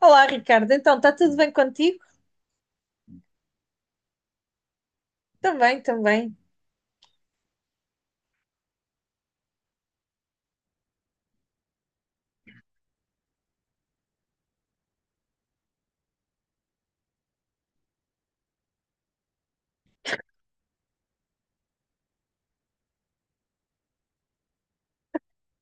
Olá, Ricardo. Então, está tudo bem contigo? Também, também.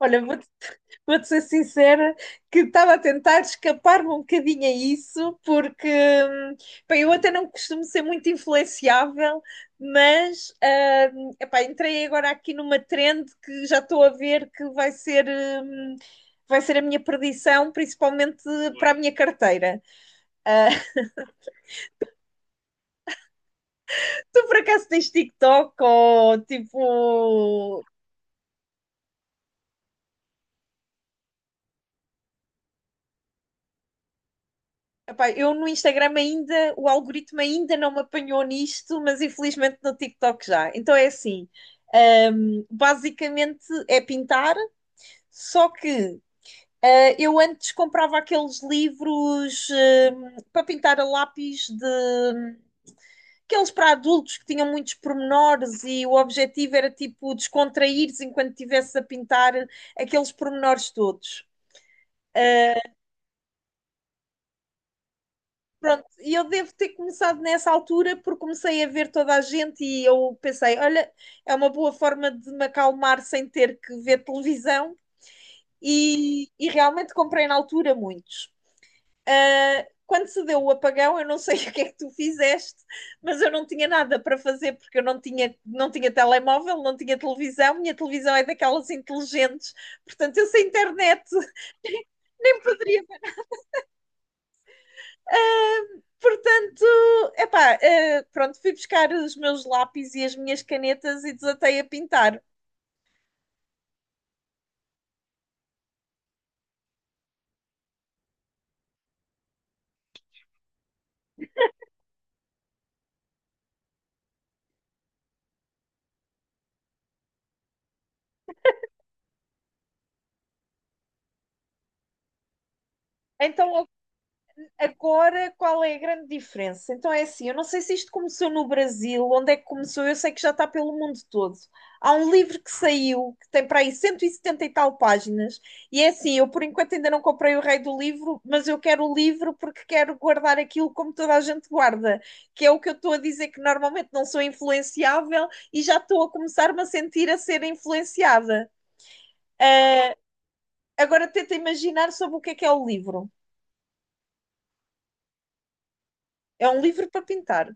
Olha, vou-te vou-te ser sincera que estava a tentar escapar-me um bocadinho a isso, porque hum, pá, eu até não costumo ser muito influenciável, mas epá, entrei agora aqui numa trend que já estou a ver que vai ser a minha perdição, principalmente para a minha carteira. Ah, tu por acaso tens TikTok ou tipo. Epá, eu no Instagram ainda, o algoritmo ainda não me apanhou nisto, mas infelizmente no TikTok já. Então é assim, basicamente é pintar, só que eu antes comprava aqueles livros para pintar a lápis, de aqueles para adultos, que tinham muitos pormenores, e o objetivo era tipo descontrair-se enquanto estivesse a pintar aqueles pormenores todos. Pronto, e eu devo ter começado nessa altura porque comecei a ver toda a gente e eu pensei, olha, é uma boa forma de me acalmar sem ter que ver televisão, e realmente comprei na altura muitos. Quando se deu o apagão, eu não sei o que é que tu fizeste, mas eu não tinha nada para fazer, porque eu não tinha telemóvel, não tinha televisão, minha televisão é daquelas inteligentes, portanto eu sem internet nem poderia. Portanto, epá, pronto, fui buscar os meus lápis e as minhas canetas e desatei a pintar. Então. Agora, qual é a grande diferença? Então é assim, eu não sei se isto começou no Brasil, onde é que começou, eu sei que já está pelo mundo todo. Há um livro que saiu, que tem para aí 170 e setenta e tal páginas, e é assim, eu por enquanto ainda não comprei o rei do livro, mas eu quero o livro porque quero guardar aquilo como toda a gente guarda, que é o que eu estou a dizer, que normalmente não sou influenciável e já estou a começar-me a sentir a ser influenciada. Agora tenta imaginar sobre o que é o livro. É um livro para pintar.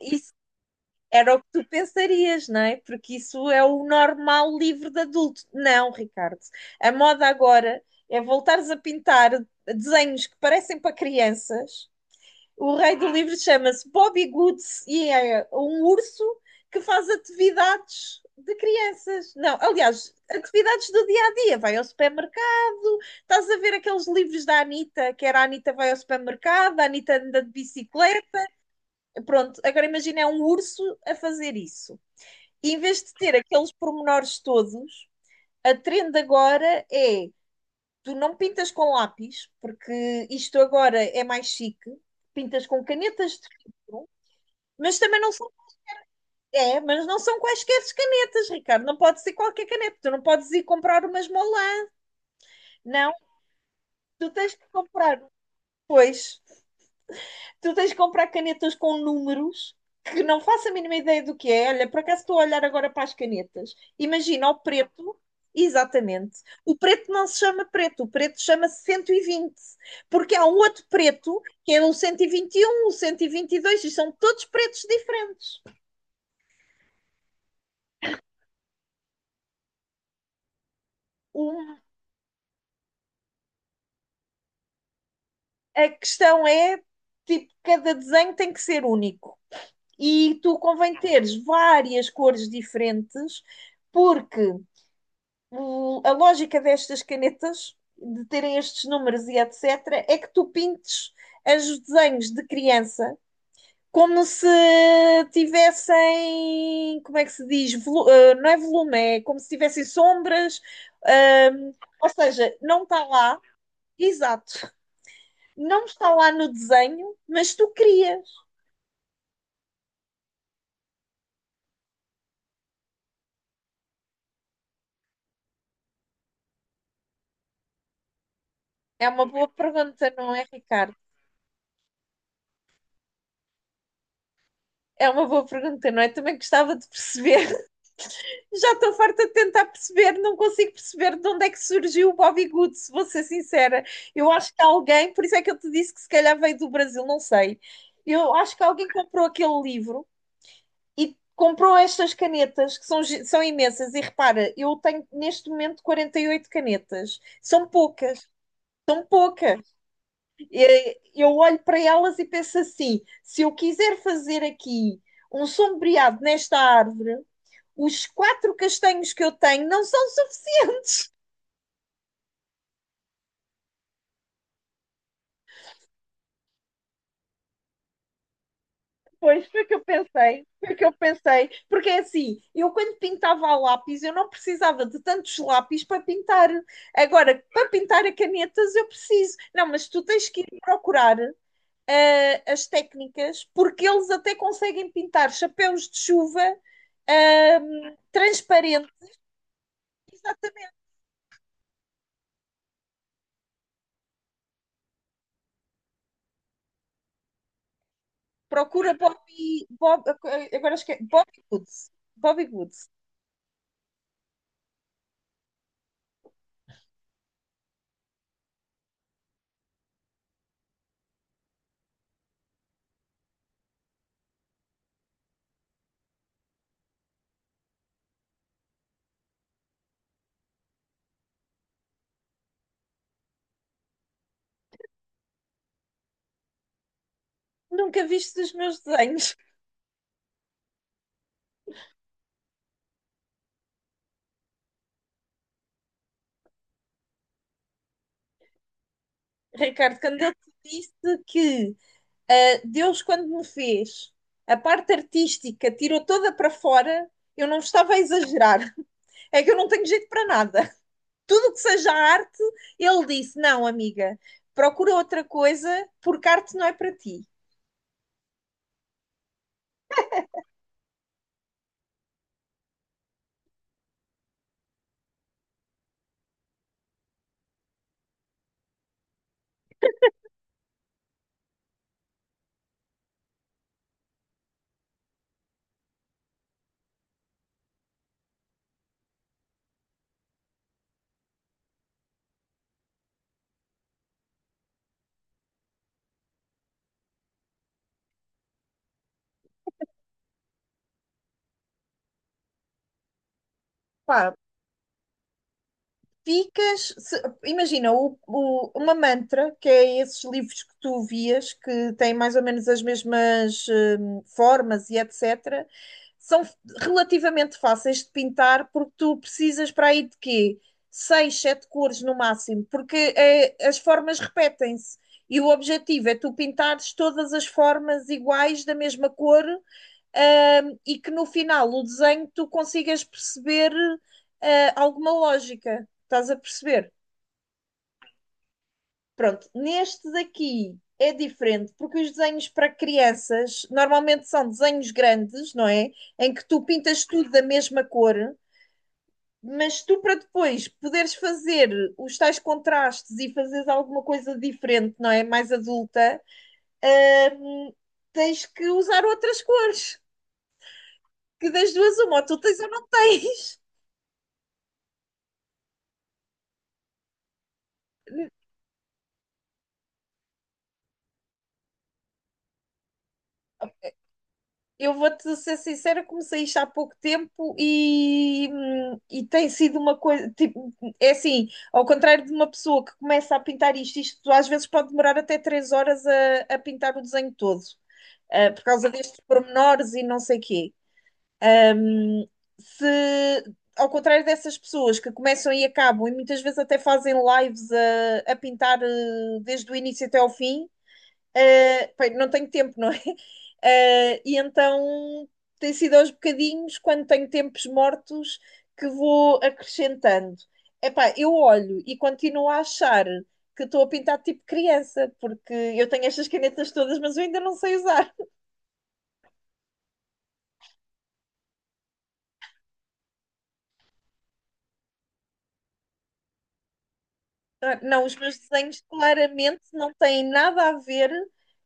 E Era o que tu pensarias, não é? Porque isso é o normal livre de adulto. Não, Ricardo. A moda agora é voltares a pintar desenhos que parecem para crianças. O rei do livro chama-se Bobby Goods e é um urso que faz atividades de crianças. Não, aliás, atividades do dia a dia. Vai ao supermercado, estás a ver aqueles livros da Anitta, que era a Anitta vai ao supermercado, a Anitta anda de bicicleta. Pronto, agora imagina, é um urso a fazer isso em vez de ter aqueles pormenores todos. A trend agora é, tu não pintas com lápis, porque isto agora é mais chique, pintas com canetas de filtro, mas também não são, é, mas não são quaisquer canetas, Ricardo, não pode ser qualquer caneta, tu não podes ir comprar umas molas, não, tu tens que comprar, pois, tu tens de comprar canetas com números, que não faço a mínima ideia do que é. Olha, por acaso estou a olhar agora para as canetas. Imagina o preto, exatamente. O preto não se chama preto, o preto chama-se 120, porque há um outro preto que é o cento e vinte e um, o 122, e vinte e dois, e são todos pretos diferentes. Um, a questão é, tipo, cada desenho tem que ser único. E tu convém teres várias cores diferentes, porque a lógica destas canetas, de terem estes números e etc., é que tu pintes os desenhos de criança como se tivessem, como é que se diz? Não é volume, é como se tivessem sombras, ahm, ou seja, não está lá, exato, não está lá no desenho, mas tu crias. É uma boa pergunta, não é, Ricardo? É uma boa pergunta, não é? Também gostava de perceber. Já estou farta de tentar perceber, não consigo perceber de onde é que surgiu o Bobby Good, se vou ser sincera. Eu acho que alguém, por isso é que eu te disse que se calhar veio do Brasil, não sei. Eu acho que alguém comprou aquele livro e comprou estas canetas, que são, são imensas. E repara, eu tenho neste momento 48 canetas. São poucas, são poucas. E eu olho para elas e penso assim: se eu quiser fazer aqui um sombreado nesta árvore, os quatro castanhos que eu tenho não são suficientes. Pois foi o que eu pensei, foi o que eu pensei, porque é assim, eu quando pintava a lápis, eu não precisava de tantos lápis para pintar. Agora, para pintar a canetas eu preciso. Não, mas tu tens que ir procurar as técnicas, porque eles até conseguem pintar chapéus de chuva, transparente, exatamente. Procura Bobby, Bob, agora esqueci, Bobby Woods. Bobby Woods. Nunca viste os meus desenhos. Ricardo, quando eu te disse que Deus, quando me fez a parte artística, tirou toda para fora, eu não estava a exagerar. É que eu não tenho jeito para nada. Tudo que seja arte, ele disse: não, amiga, procura outra coisa, porque arte não é para ti. Pá, ficas. Imagina, uma mantra, que é esses livros que tu vias, que têm mais ou menos as mesmas, formas e etc., são relativamente fáceis de pintar, porque tu precisas para aí de quê? Seis, sete cores no máximo, porque as formas repetem-se. E o objetivo é tu pintares todas as formas iguais da mesma cor, e que no final o desenho tu consigas perceber, alguma lógica. Estás a perceber? Pronto, neste daqui é diferente, porque os desenhos para crianças normalmente são desenhos grandes, não é? Em que tu pintas tudo da mesma cor, mas tu, para depois poderes fazer os tais contrastes e fazeres alguma coisa diferente, não é? Mais adulta, hum, tens que usar outras cores. Que das duas, uma, ou tu tens ou não tens. Eu vou-te ser sincera, comecei isto há pouco tempo, e tem sido uma coisa, tipo, é assim, ao contrário de uma pessoa que começa a pintar isto, isto às vezes pode demorar até 3 horas a pintar o desenho todo, por causa destes pormenores e não sei quê. Se, ao contrário dessas pessoas que começam e acabam, e muitas vezes até fazem lives a pintar, desde o início até ao fim. Bem, não tenho tempo, não é? E então tem sido aos bocadinhos, quando tenho tempos mortos, que vou acrescentando. Epá, eu olho e continuo a achar que estou a pintar tipo criança, porque eu tenho estas canetas todas, mas eu ainda não sei usar. Não, os meus desenhos claramente não têm nada a ver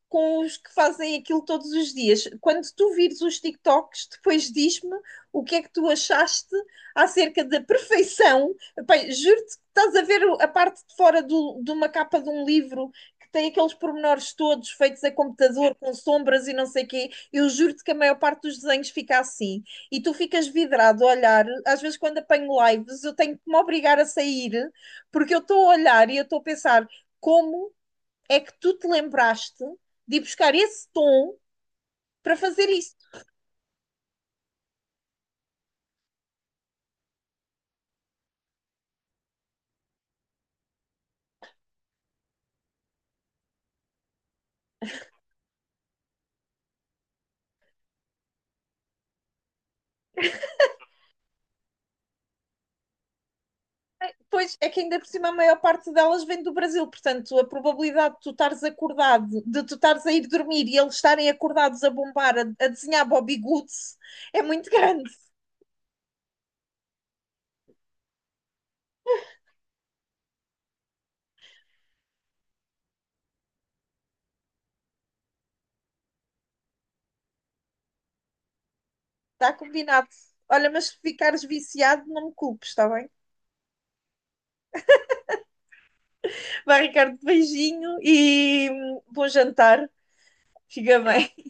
com os que fazem aquilo todos os dias. Quando tu vires os TikToks, depois diz-me o que é que tu achaste acerca da perfeição. Pai, juro-te que estás a ver a parte de fora de uma capa de um livro que tem aqueles pormenores todos feitos a computador, com sombras e não sei quê. Eu juro-te que a maior parte dos desenhos fica assim. E tu ficas vidrado a olhar. Às vezes, quando apanho lives, eu tenho que me obrigar a sair, porque eu estou a olhar e eu estou a pensar como é que tu te lembraste de ir buscar esse tom para fazer isso. Pois é que ainda por cima a maior parte delas vem do Brasil, portanto a probabilidade de tu estares acordado, de tu estares a ir dormir, e eles estarem acordados a bombar, a desenhar Bobby Goods, é muito grande. Está combinado. Olha, mas se ficares viciado, não me culpes, está bem? Vai, Ricardo, beijinho e bom jantar. Fica bem.